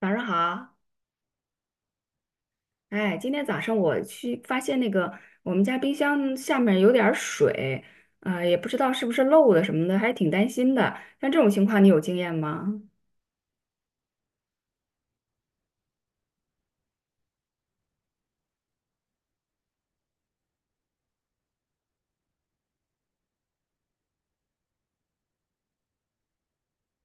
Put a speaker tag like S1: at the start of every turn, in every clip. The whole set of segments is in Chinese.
S1: 早上好，哎，今天早上我去发现那个我们家冰箱下面有点儿水，啊、也不知道是不是漏的什么的，还挺担心的。像这种情况，你有经验吗？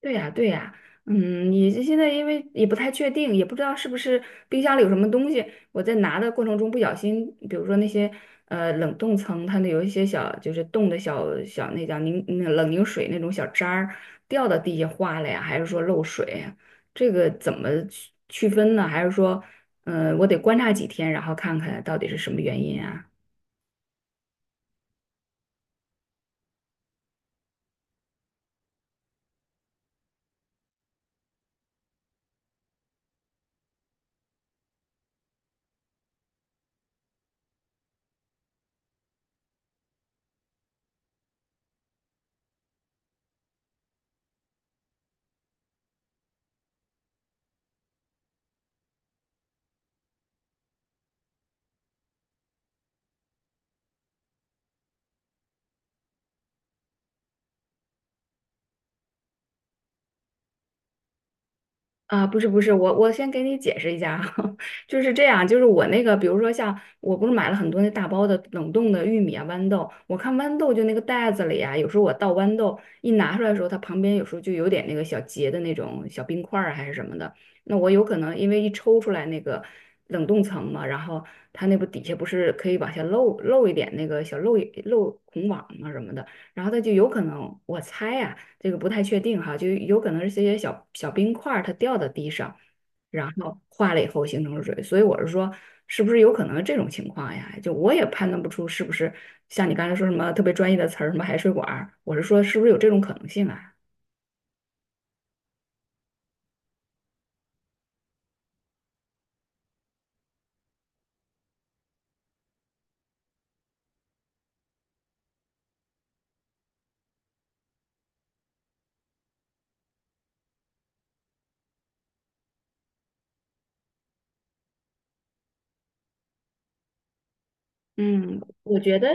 S1: 对呀，对呀，嗯，你这现在因为也不太确定，也不知道是不是冰箱里有什么东西，我在拿的过程中不小心，比如说那些冷冻层，它那有一些小就是冻的小小那叫凝那冷凝水那种小渣儿掉到地下化了呀，还是说漏水呀这个怎么区分呢？还是说，我得观察几天，然后看看到底是什么原因啊？啊，不是不是，我先给你解释一下啊，就是这样，就是我那个，比如说像我不是买了很多那大包的冷冻的玉米啊、豌豆，我看豌豆就那个袋子里啊，有时候我倒豌豆一拿出来的时候，它旁边有时候就有点那个小结的那种小冰块儿啊还是什么的，那我有可能因为一抽出来那个冷冻层嘛，然后它那不底下不是可以往下漏一点那个小漏孔网嘛什么的，然后它就有可能我猜呀、这个不太确定哈，就有可能是这些小小冰块儿它掉到地上，然后化了以后形成了水，所以我是说，是不是有可能这种情况呀？就我也判断不出是不是像你刚才说什么特别专业的词儿，什么海水管儿，我是说是不是有这种可能性啊？嗯，我觉得。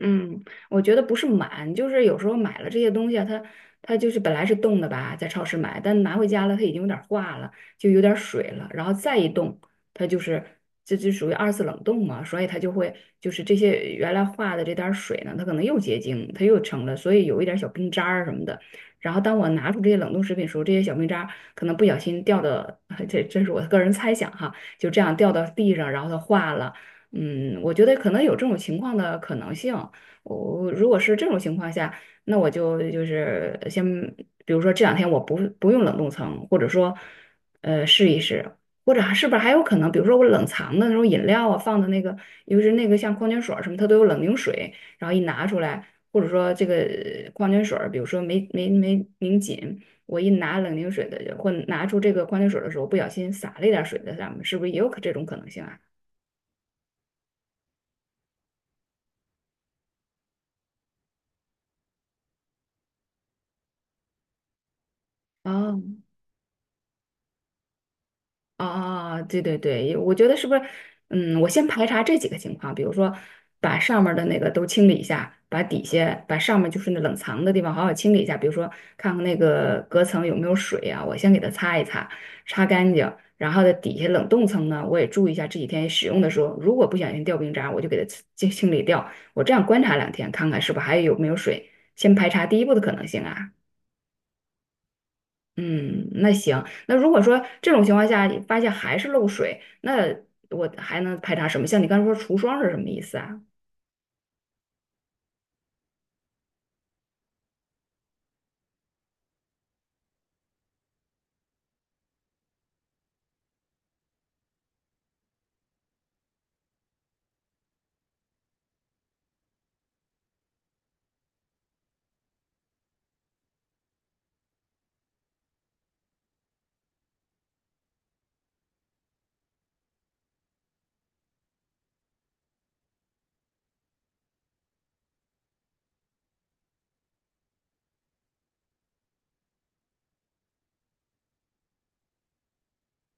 S1: 嗯，我觉得不是满，就是有时候买了这些东西啊，它就是本来是冻的吧，在超市买，但拿回家了，它已经有点儿化了，就有点儿水了，然后再一冻，它就是这就属于二次冷冻嘛，所以它就会就是这些原来化的这点儿水呢，它可能又结晶，它又成了，所以有一点儿小冰渣儿什么的。然后当我拿出这些冷冻食品的时候，这些小冰渣儿可能不小心掉到，这是我个人猜想哈，就这样掉到地上，然后它化了。嗯，我觉得可能有这种情况的可能性。我如果是这种情况下，那我就是先，比如说这两天我不用冷冻层，或者说，试一试，或者还是不是还有可能，比如说我冷藏的那种饮料啊，放的那个，尤其是那个像矿泉水儿什么，它都有冷凝水，然后一拿出来，或者说这个矿泉水儿比如说没拧紧，我一拿冷凝水的或拿出这个矿泉水儿的时候，不小心洒了一点儿水在上面，是不是也有这种可能性啊？哦，啊，啊对对对，我觉得是不是，嗯，我先排查这几个情况，比如说把上面儿的那个都清理一下，把底下、把上面就是那冷藏的地方好好清理一下，比如说看看那个隔层有没有水啊，我先给它擦一擦，擦干净，然后在底下冷冻层呢，我也注意一下这几天使用的时候，如果不小心掉冰渣儿我就给它清理掉，我这样观察两天，看看是不是还有没有水，先排查第一步的可能性啊。嗯，那行，那如果说这种情况下你发现还是漏水，那我还能排查什么？像你刚才说除霜是什么意思啊？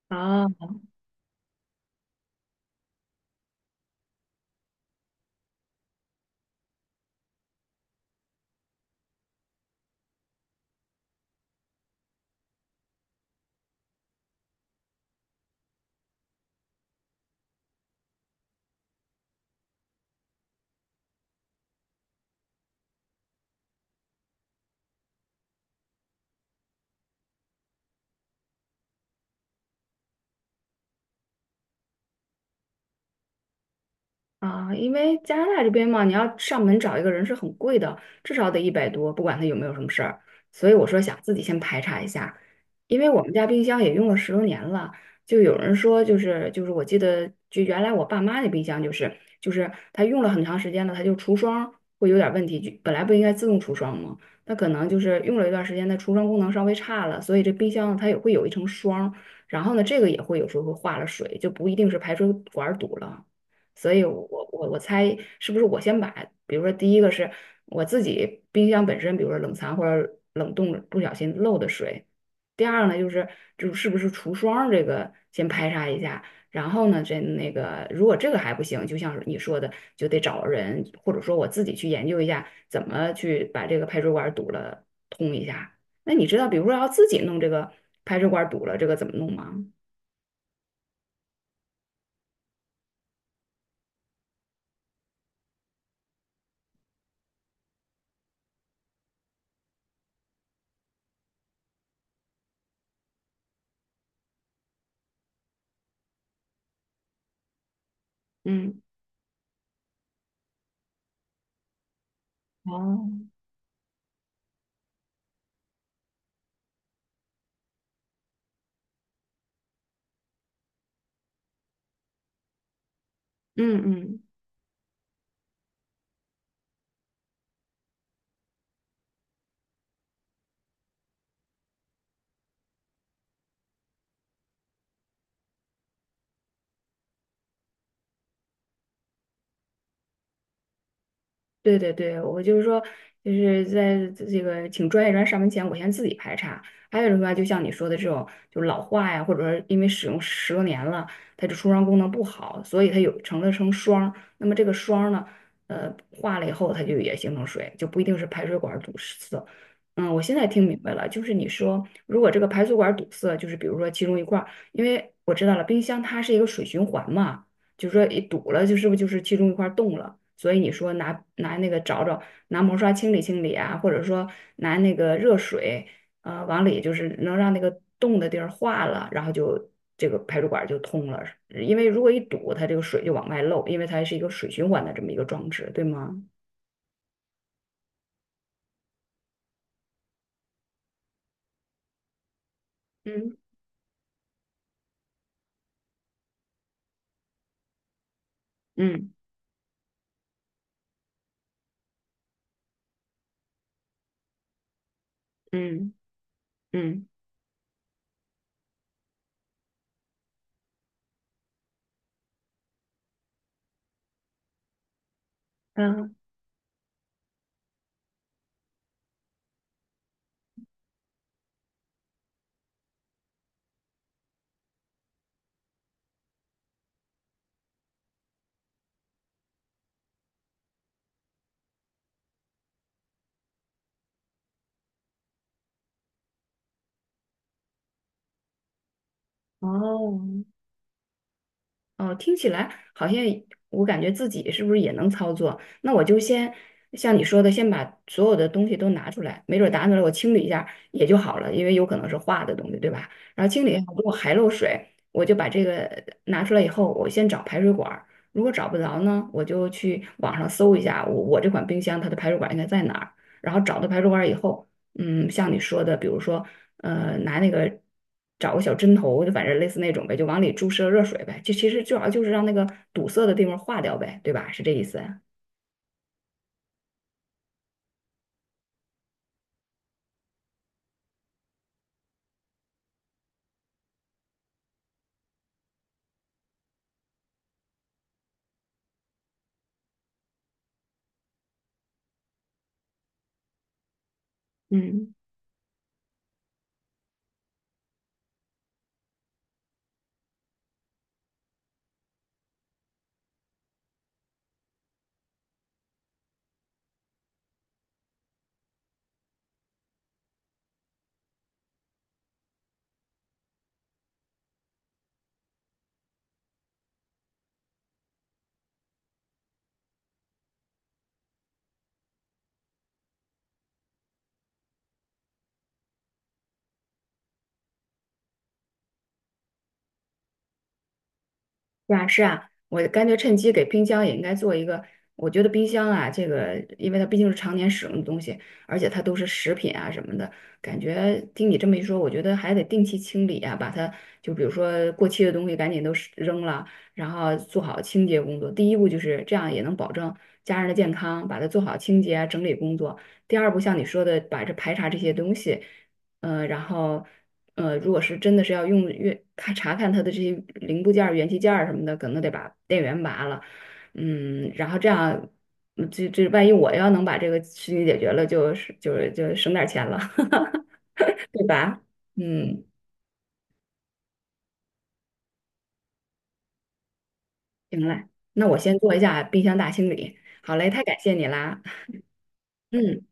S1: 啊？啊，因为加拿大这边嘛，你要上门找一个人是很贵的，至少得一百多，不管他有没有什么事儿。所以我说想自己先排查一下，因为我们家冰箱也用了十多年了，就有人说就是我记得就原来我爸妈的冰箱就是它用了很长时间了，它就除霜会有点问题，就本来不应该自动除霜吗？那可能就是用了一段时间，它除霜功能稍微差了，所以这冰箱它也会有一层霜，然后呢这个也会有时候会化了水，就不一定是排水管堵了。所以我猜是不是我先把，比如说第一个是我自己冰箱本身，比如说冷藏或者冷冻不小心漏的水，第二呢就是就是不是除霜这个先排查一下，然后呢这那个如果这个还不行，就像是你说的，就得找人或者说我自己去研究一下怎么去把这个排水管堵了通一下。那你知道，比如说要自己弄这个排水管堵了，这个怎么弄吗？嗯哦，嗯嗯。对对对，我就是说，就是在这个请专业人上门前，我先自己排查。还有的话，就像你说的这种，就老化呀，或者说因为使用十多年了，它这出伤功能不好，所以它有成了成霜儿那么这个霜儿呢，化了以后，它就也形成水，就不一定是排水管儿堵塞。嗯，我现在听明白了，就是你说，如果这个排水管儿堵塞，就是比如说其中一块儿，因为我知道了，冰箱它是一个水循环嘛。就说一堵了，就是不就是其中一块儿动了？所以你说拿那个找，拿毛刷清理清理啊，或者说拿那个热水，往里就是能让那个冻的地儿化了，然后就这个排水管儿就通了。因为如果一堵，它这个水就往外漏，因为它是一个水循环的这么一个装置，对吗？嗯嗯嗯嗯嗯，哦，哦，听起来好像我感觉自己是不是也能操作？那我就先像你说的，先把所有的东西都拿出来，没准儿拿出来我清理一下也就好了，因为有可能是化的东西，对吧？然后清理一下，如果还漏水，我就把这个拿出来以后，我先找排水管儿，如果找不着呢，我就去网上搜一下我这款冰箱它的排水管应该在哪儿，然后找到排水管儿以后，嗯，像你说的，比如说拿那个找个小针头，就反正类似那种呗，就往里注射热水呗，就其实主要就是让那个堵塞的地方化掉呗，对吧？是这意思？嗯是啊，是啊，我干脆趁机给冰箱也应该做一个。我觉得冰箱啊，这个因为它毕竟是常年使用的东西，而且它都是食品啊什么的，感觉听你这么一说，我觉得还得定期清理啊，把它就比如说过期的东西赶紧都是扔了，然后做好清洁工作。第一步就是这样，也能保证家人的健康，把它做好清洁啊整理工作。第二步，像你说的，把这排查这些东西，然后。如果是真的是要用越看查看它的这些零部件儿、元器件儿什么的，可能得把电源拔了，嗯，然后这样，嗯这万一我要能把这个事情解决了，就省点儿钱了，对吧？嗯，行嘞，那我先做一下冰箱大清理。好嘞，太感谢你啦。嗯，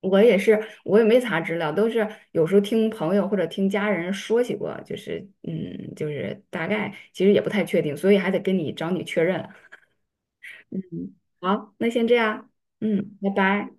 S1: 我也是，我也没查资料，都是有时候听朋友或者听家人说起过，就是嗯，就是大概，其实也不太确定，所以还得找你确认。嗯，好，那先这样，嗯，拜拜。